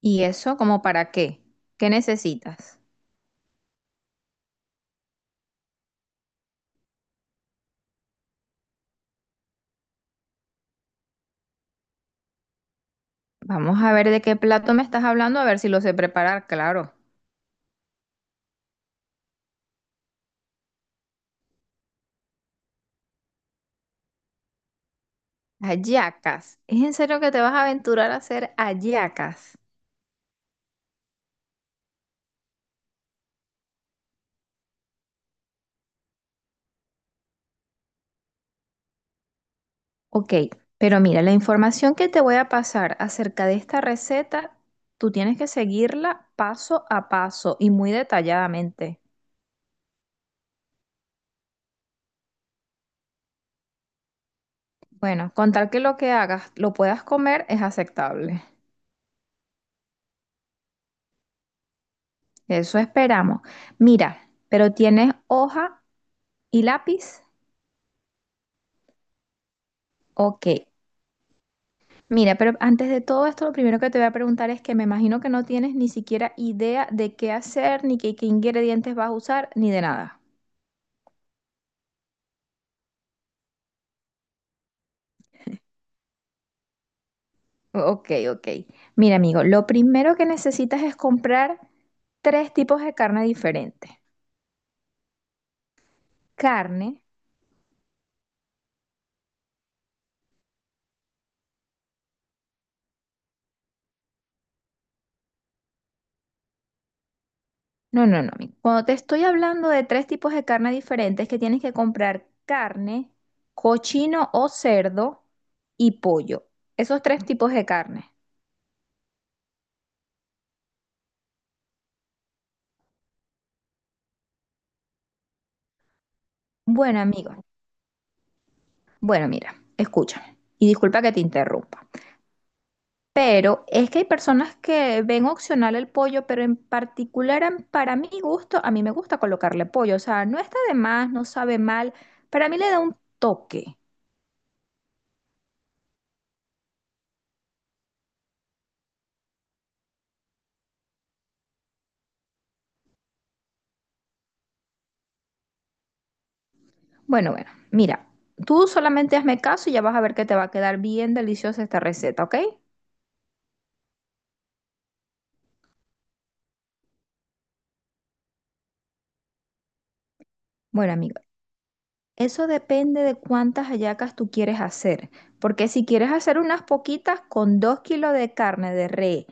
¿Y eso como para qué? ¿Qué necesitas? Vamos a ver de qué plato me estás hablando, a ver si lo sé preparar, claro. Hallacas. ¿Es en serio que te vas a aventurar a hacer hallacas? Ok, pero mira, la información que te voy a pasar acerca de esta receta, tú tienes que seguirla paso a paso y muy detalladamente. Bueno, con tal que lo que hagas lo puedas comer es aceptable. Eso esperamos. Mira, pero ¿tienes hoja y lápiz? Ok. Mira, pero antes de todo esto, lo primero que te voy a preguntar es que me imagino que no tienes ni siquiera idea de qué hacer, ni qué ingredientes vas a usar, ni de nada. Ok, ok. Mira, amigo, lo primero que necesitas es comprar tres tipos de carne diferentes. Carne, no, no, no, amigo. Cuando te estoy hablando de tres tipos de carne diferentes, que tienes que comprar carne, cochino o cerdo y pollo. Esos tres tipos de carne. Bueno, amigo. Bueno, mira, escúchame y disculpa que te interrumpa, pero es que hay personas que ven opcional el pollo, pero en particular para mi gusto, a mí me gusta colocarle pollo, o sea, no está de más, no sabe mal, para mí le da un toque. Bueno, bueno, mira, tú solamente hazme caso y ya vas a ver que te va a quedar bien deliciosa esta receta, ¿ok? Bueno, amigo. Eso depende de cuántas hallacas tú quieres hacer, porque si quieres hacer unas poquitas con 2 kilos de carne de res,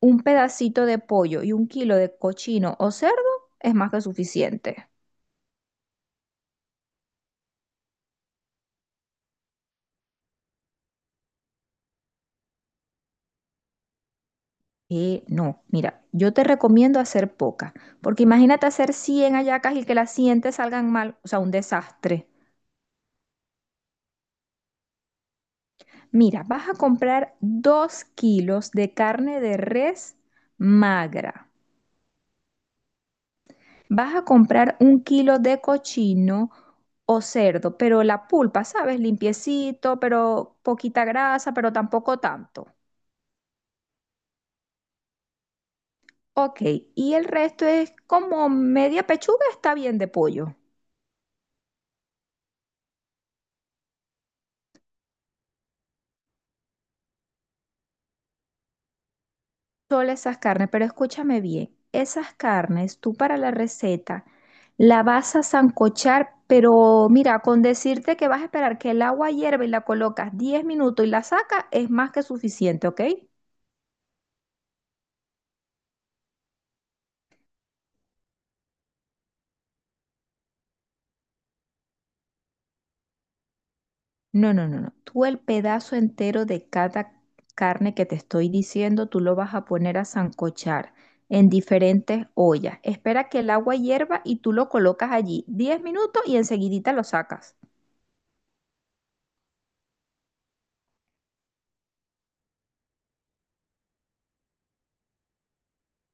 un pedacito de pollo y 1 kilo de cochino o cerdo, es más que suficiente. No, mira, yo te recomiendo hacer pocas, porque imagínate hacer 100 hallacas y que las 100 te salgan mal, o sea, un desastre. Mira, vas a comprar 2 kilos de carne de res magra. Vas a comprar 1 kilo de cochino o cerdo, pero la pulpa, ¿sabes? Limpiecito, pero poquita grasa, pero tampoco tanto. Ok, y el resto es como media pechuga, está bien de pollo. Solo esas carnes, pero escúchame bien, esas carnes tú para la receta la vas a sancochar, pero mira, con decirte que vas a esperar que el agua hierva y la colocas 10 minutos y la sacas es más que suficiente, ¿ok? No, no, no, no. Tú el pedazo entero de cada carne que te estoy diciendo, tú lo vas a poner a sancochar en diferentes ollas. Espera que el agua hierva y tú lo colocas allí 10 minutos y enseguidita lo sacas.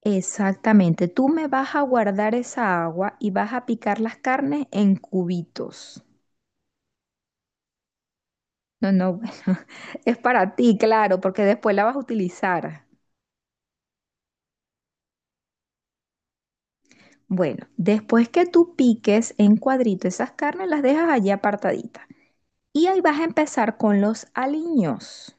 Exactamente. Tú me vas a guardar esa agua y vas a picar las carnes en cubitos. No, no, bueno, es para ti, claro, porque después la vas a utilizar. Bueno, después que tú piques en cuadrito esas carnes, las dejas allí apartaditas. Y ahí vas a empezar con los aliños.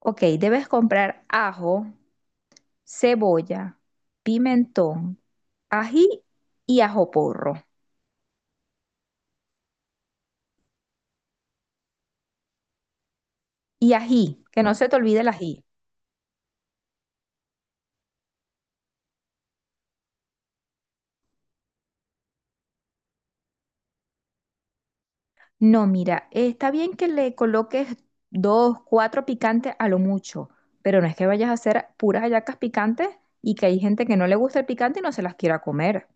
Ok, debes comprar ajo, cebolla, pimentón, ají y ajo porro. Y ají, que no se te olvide el ají. No, mira, está bien que le coloques dos, cuatro picantes a lo mucho, pero no es que vayas a hacer puras hallacas picantes y que hay gente que no le gusta el picante y no se las quiera comer.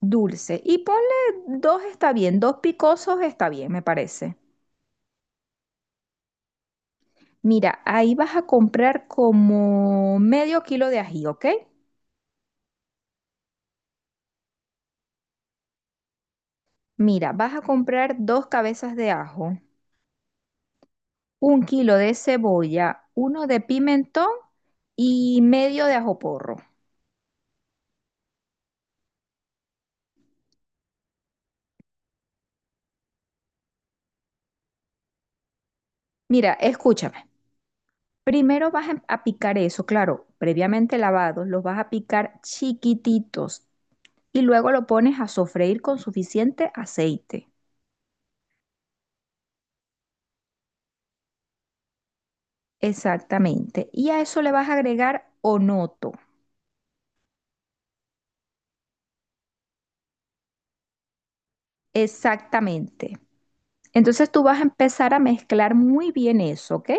Dulce. Y ponle dos está bien, dos picosos está bien, me parece. Mira, ahí vas a comprar como 1/2 kilo de ají, ¿ok? Mira, vas a comprar dos cabezas de ajo, 1 kilo de cebolla, uno de pimentón y medio de ajo porro. Mira, escúchame. Primero vas a picar eso, claro, previamente lavados, los vas a picar chiquititos y luego lo pones a sofreír con suficiente aceite. Exactamente. Y a eso le vas a agregar onoto. Exactamente. Entonces tú vas a empezar a mezclar muy bien eso, ¿ok?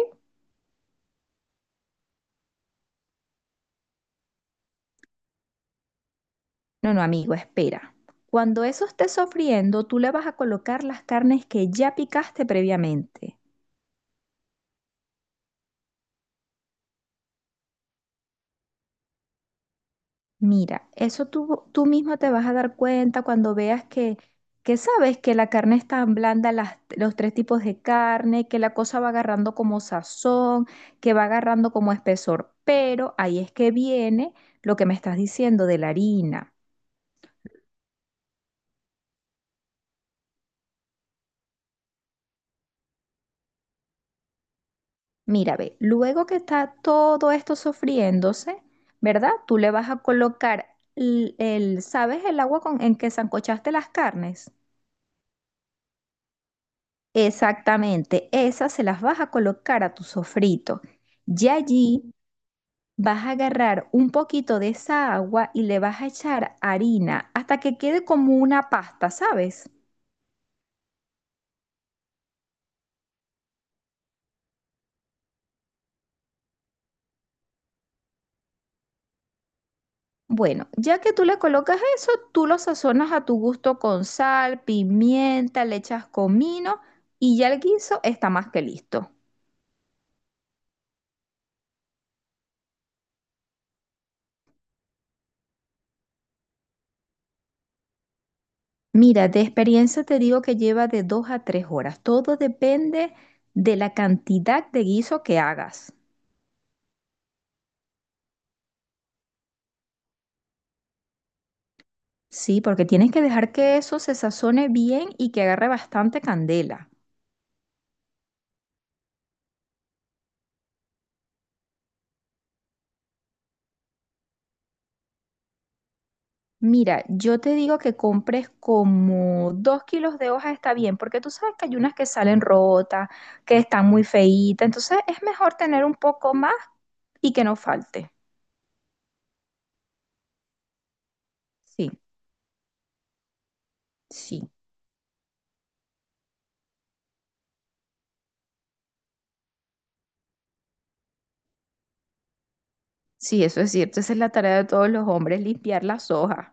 No, no, amigo, espera. Cuando eso esté sofriendo, tú le vas a colocar las carnes que ya picaste previamente. Mira, eso tú mismo te vas a dar cuenta cuando veas que sabes que la carne está blanda, los tres tipos de carne, que la cosa va agarrando como sazón, que va agarrando como espesor. Pero ahí es que viene lo que me estás diciendo de la harina. Mira, ve, luego que está todo esto sofriéndose, ¿verdad? Tú le vas a colocar el, ¿sabes el agua con, en que sancochaste las carnes? Exactamente, esas se las vas a colocar a tu sofrito. Y allí vas a agarrar un poquito de esa agua y le vas a echar harina hasta que quede como una pasta, ¿sabes? Bueno, ya que tú le colocas eso, tú lo sazonas a tu gusto con sal, pimienta, le echas comino y ya el guiso está más que listo. Mira, de experiencia te digo que lleva de 2 a 3 horas. Todo depende de la cantidad de guiso que hagas. Sí, porque tienes que dejar que eso se sazone bien y que agarre bastante candela. Mira, yo te digo que compres como 2 kilos de hojas está bien, porque tú sabes que hay unas que salen rotas, que están muy feitas, entonces es mejor tener un poco más y que no falte. Sí, sí, sí, eso es cierto, esa es la tarea de todos los hombres, limpiar las hojas.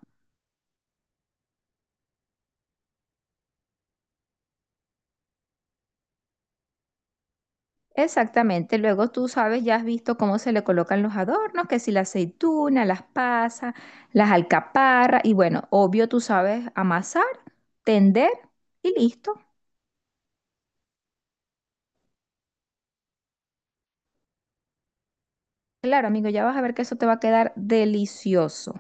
Exactamente, luego tú sabes, ya has visto cómo se le colocan los adornos, que si la aceituna, las pasas, las alcaparras, y bueno, obvio tú sabes amasar, tender y listo. Claro, amigo, ya vas a ver que eso te va a quedar delicioso.